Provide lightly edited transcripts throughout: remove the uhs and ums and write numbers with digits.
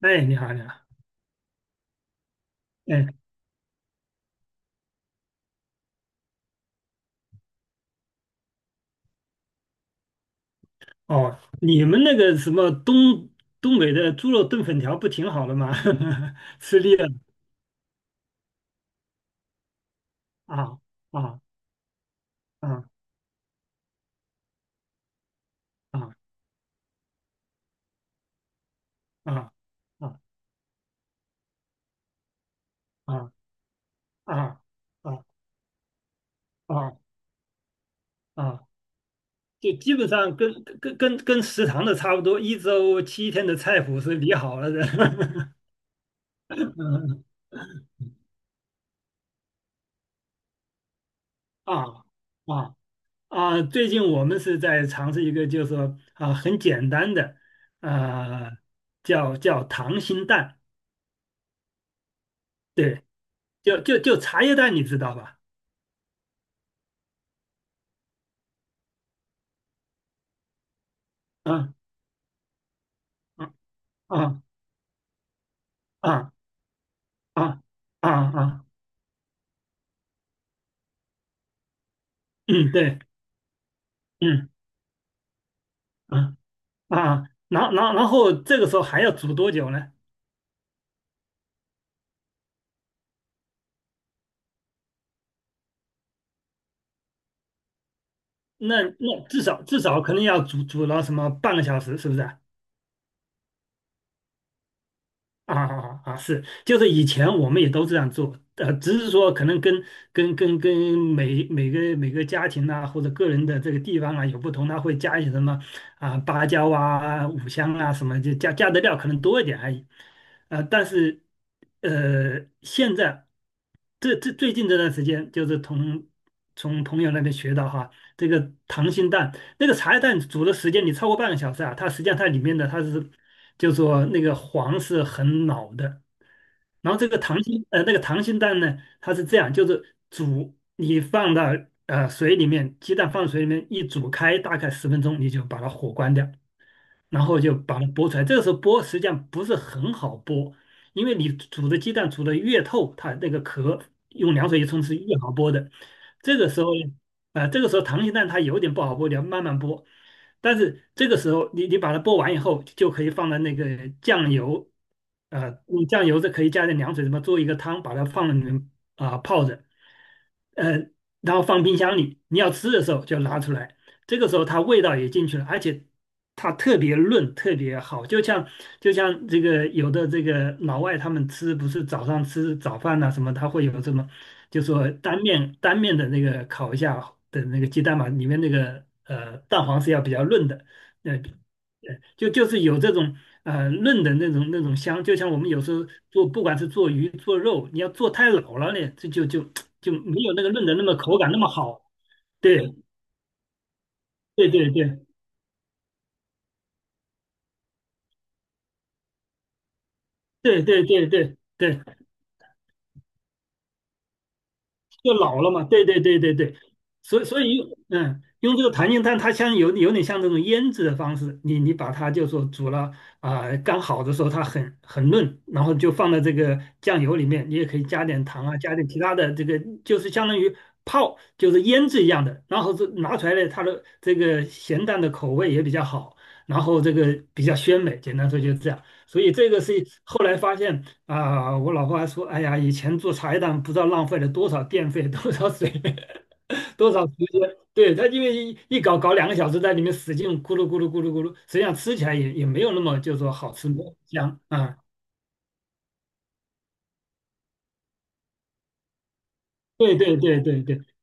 哎，你好，你好。哎，哦，你们那个什么东北的猪肉炖粉条不挺好的吗？吃腻了。啊，啊，啊，啊，啊，啊，啊，啊，啊，啊，啊！就基本上跟食堂的差不多，一周七天的菜谱是理好了的。嗯。啊，啊，啊！最近我们是在尝试一个，就是说啊，很简单的，啊，叫溏心蛋，对。就茶叶蛋，你知道吧？嗯，嗯。啊，啊，啊，啊，啊！嗯，对。嗯，嗯，啊，然后这个时候还要煮多久呢？那至少肯定要煮了什么半个小时，是不是啊？啊，啊，啊！啊，是，就是以前我们也都这样做，只是说可能跟每个家庭啊，或者个人的这个地方啊有不同，他会加一些什么啊，芭蕉啊，五香啊什么，就加的料可能多一点而已。但是现在这最近这段时间，就是从朋友那边学到哈，这个溏心蛋那个茶叶蛋煮的时间你超过半个小时啊，它实际上它里面的它是。就说那个黄是很老的。然后这个溏心呃，那个溏心蛋呢，它是这样，就是煮，你放到水里面，鸡蛋放水里面一煮开，大概十分钟，你就把它火关掉。然后就把它剥出来。这个时候剥实际上不是很好剥，因为你煮的鸡蛋煮的越透，它那个壳用凉水一冲是越好剥的。这个时候呢，啊，这个时候溏心蛋它有点不好剥，你要慢慢剥。但是这个时候你把它剥完以后，就可以放在那个酱油，用酱油这可以加点凉水，什么做一个汤，把它放在里面啊，泡着，呃，然后放冰箱里，你要吃的时候就拿出来。这个时候它味道也进去了，而且它特别润，特别好，就像这个有的这个老外他们吃不是早上吃早饭呐，什么，他会有什么，就说单面的那个烤一下的那个鸡蛋嘛，里面那个蛋黄是要比较润的，就是有这种嫩的那种香，就像我们有时候做不管是做鱼做肉，你要做太老了呢，这就没有那个嫩的那么口感那么好，对对对对。对对对对对，就老了嘛，对对对对对，所以用这个弹性炭，它像有点像这种腌制的方式，你把它就说煮了啊，刚好的时候它很嫩，然后就放在这个酱油里面，你也可以加点糖啊，加点其他的这个，就是相当于泡就是腌制一样的，然后是拿出来的它的这个咸淡的口味也比较好，然后这个比较鲜美，简单说就是这样。所以这个是后来发现，啊，我老婆还说，哎呀，以前做茶叶蛋不知道浪费了多少电费 多少水，多少时间。对，她因为一搞2个小时，在里面使劲咕噜咕噜咕噜咕噜，实际上吃起来也没有那么就是说好吃，没有香啊。对对对对对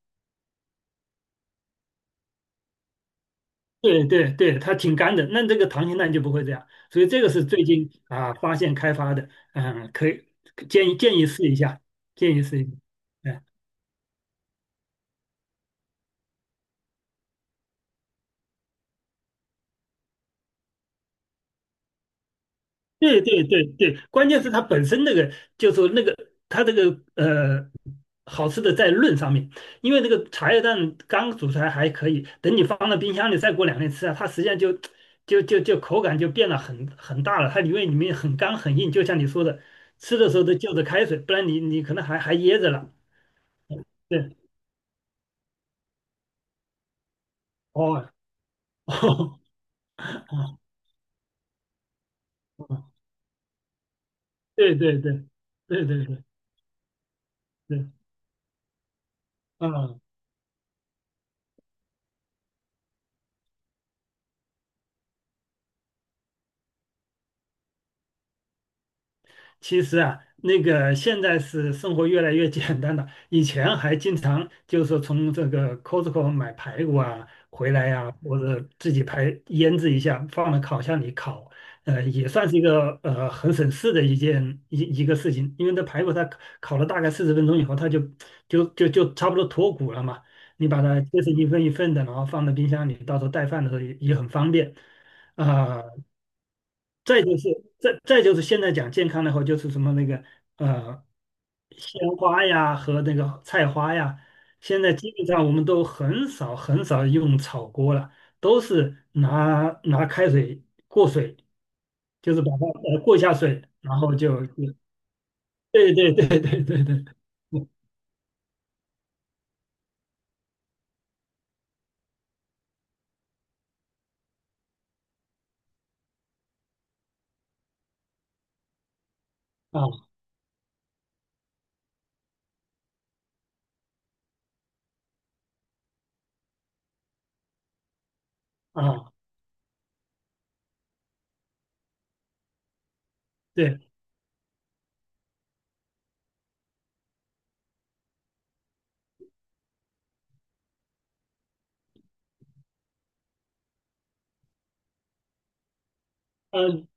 对对对，它挺干的。那这个溏心蛋就不会这样，所以这个是最近啊发现开发的，嗯，可以建议试一下，建议试一下。嗯，对对对对，关键是它本身那个，就是说那个它这个好吃的在论上面，因为这个茶叶蛋刚煮出来还可以，等你放到冰箱里再过2天吃啊，它实际上就口感就变得很大了，它因为里面很干很硬，就像你说的，吃的时候都就着开水，不然你可能还噎着了。对，哦，哦，哦，对对对对对对对，嗯。其实啊，那个现在是生活越来越简单了，以前还经常就是从这个 Costco 买排骨啊回来呀，或者自己排腌制一下，放到烤箱里烤，也算是一个很省事的一件一一个事情，因为这排骨它烤了大概40分钟以后，它就差不多脱骨了嘛，你把它切成一份一份的，然后放到冰箱里，到时候带饭的时候也很方便。啊，再就是现在讲健康的话，就是什么那个呃，鲜花呀和那个菜花呀，现在基本上我们都很少很少用炒锅了，都是拿开水过水，就是把它过一下水，然后就对对对对对对，啊，啊，对，嗯，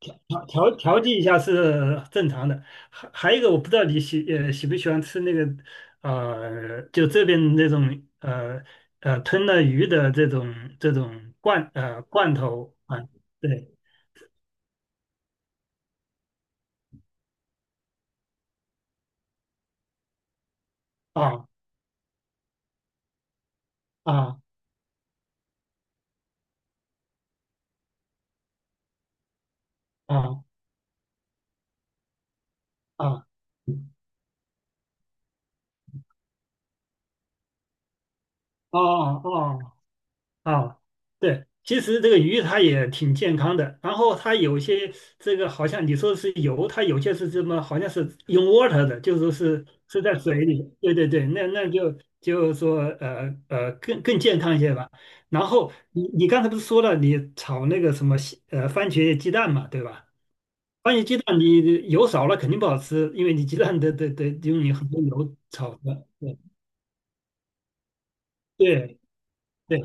调剂一下是正常的，还有一个我不知道你喜不喜欢吃那个就这边那种吞了鱼的这种罐头啊，对，啊，啊，啊，啊，嗯，哦，哦，哦，啊，对，其实这个鱼它也挺健康的，然后它有些这个好像你说是油，它有些是什么，好像是用 water 的，就是说是在水里。对对对，那就是说更健康一些吧。然后你刚才不是说了，你炒那个什么番茄鸡蛋嘛，对吧？番茄鸡蛋你油少了肯定不好吃，因为你鸡蛋得用你很多油炒的。对对对。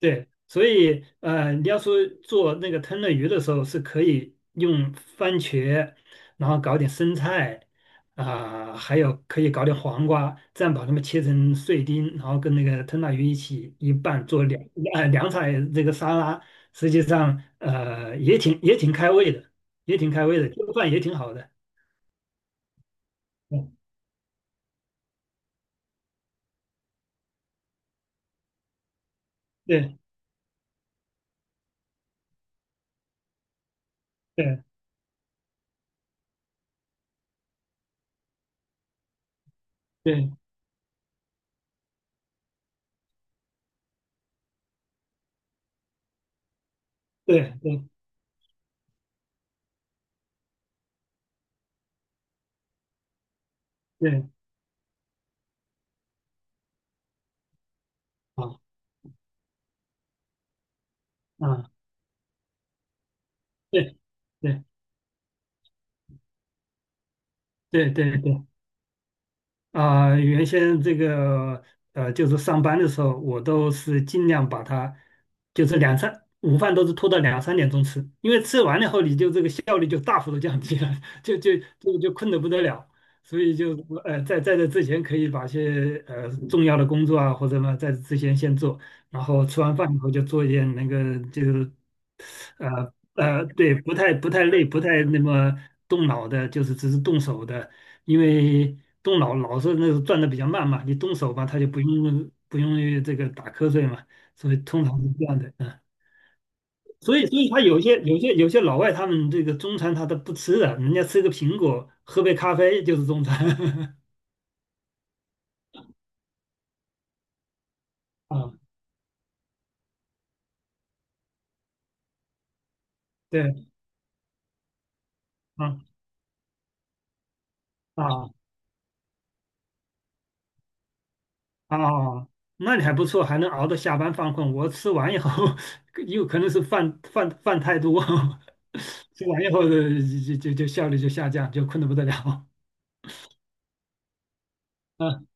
对，所以你要说做那个吞饪鱼的时候，是可以用番茄，然后搞点生菜啊，还有可以搞点黄瓜，这样把它们切成碎丁，然后跟那个吞拿鱼一起一拌做凉啊，凉菜这个沙拉，实际上也挺开胃的，也挺开胃的，这个饭也挺好的。嗯，对对对对对对，啊啊对对对对对。啊，原先这个就是上班的时候，我都是尽量把它，就是两三午饭都是拖到2、3点钟吃，因为吃完了后你就这个效率就大幅度降低了，就就就困得不得了，所以就在这之前可以把一些重要的工作啊或者呢在这之前先做，然后吃完饭以后就做一点那个就是对，不太累，不太那么动脑的，就是只是动手的，因为动脑老是那个转的比较慢嘛，你动手吧，他就不用这个打瞌睡嘛，所以通常是这样的，嗯，所以他有些老外他们这个中餐他都不吃的，人家吃个苹果，喝杯咖啡就是中餐，啊，对，啊啊。哦，那你还不错，还能熬到下班犯困。我吃完以后，有可能是饭太多，吃完以后的就效率就下降，就困得不得了。嗯，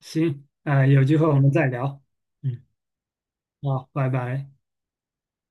行，啊，有机会我们再聊。嗯，好，拜拜。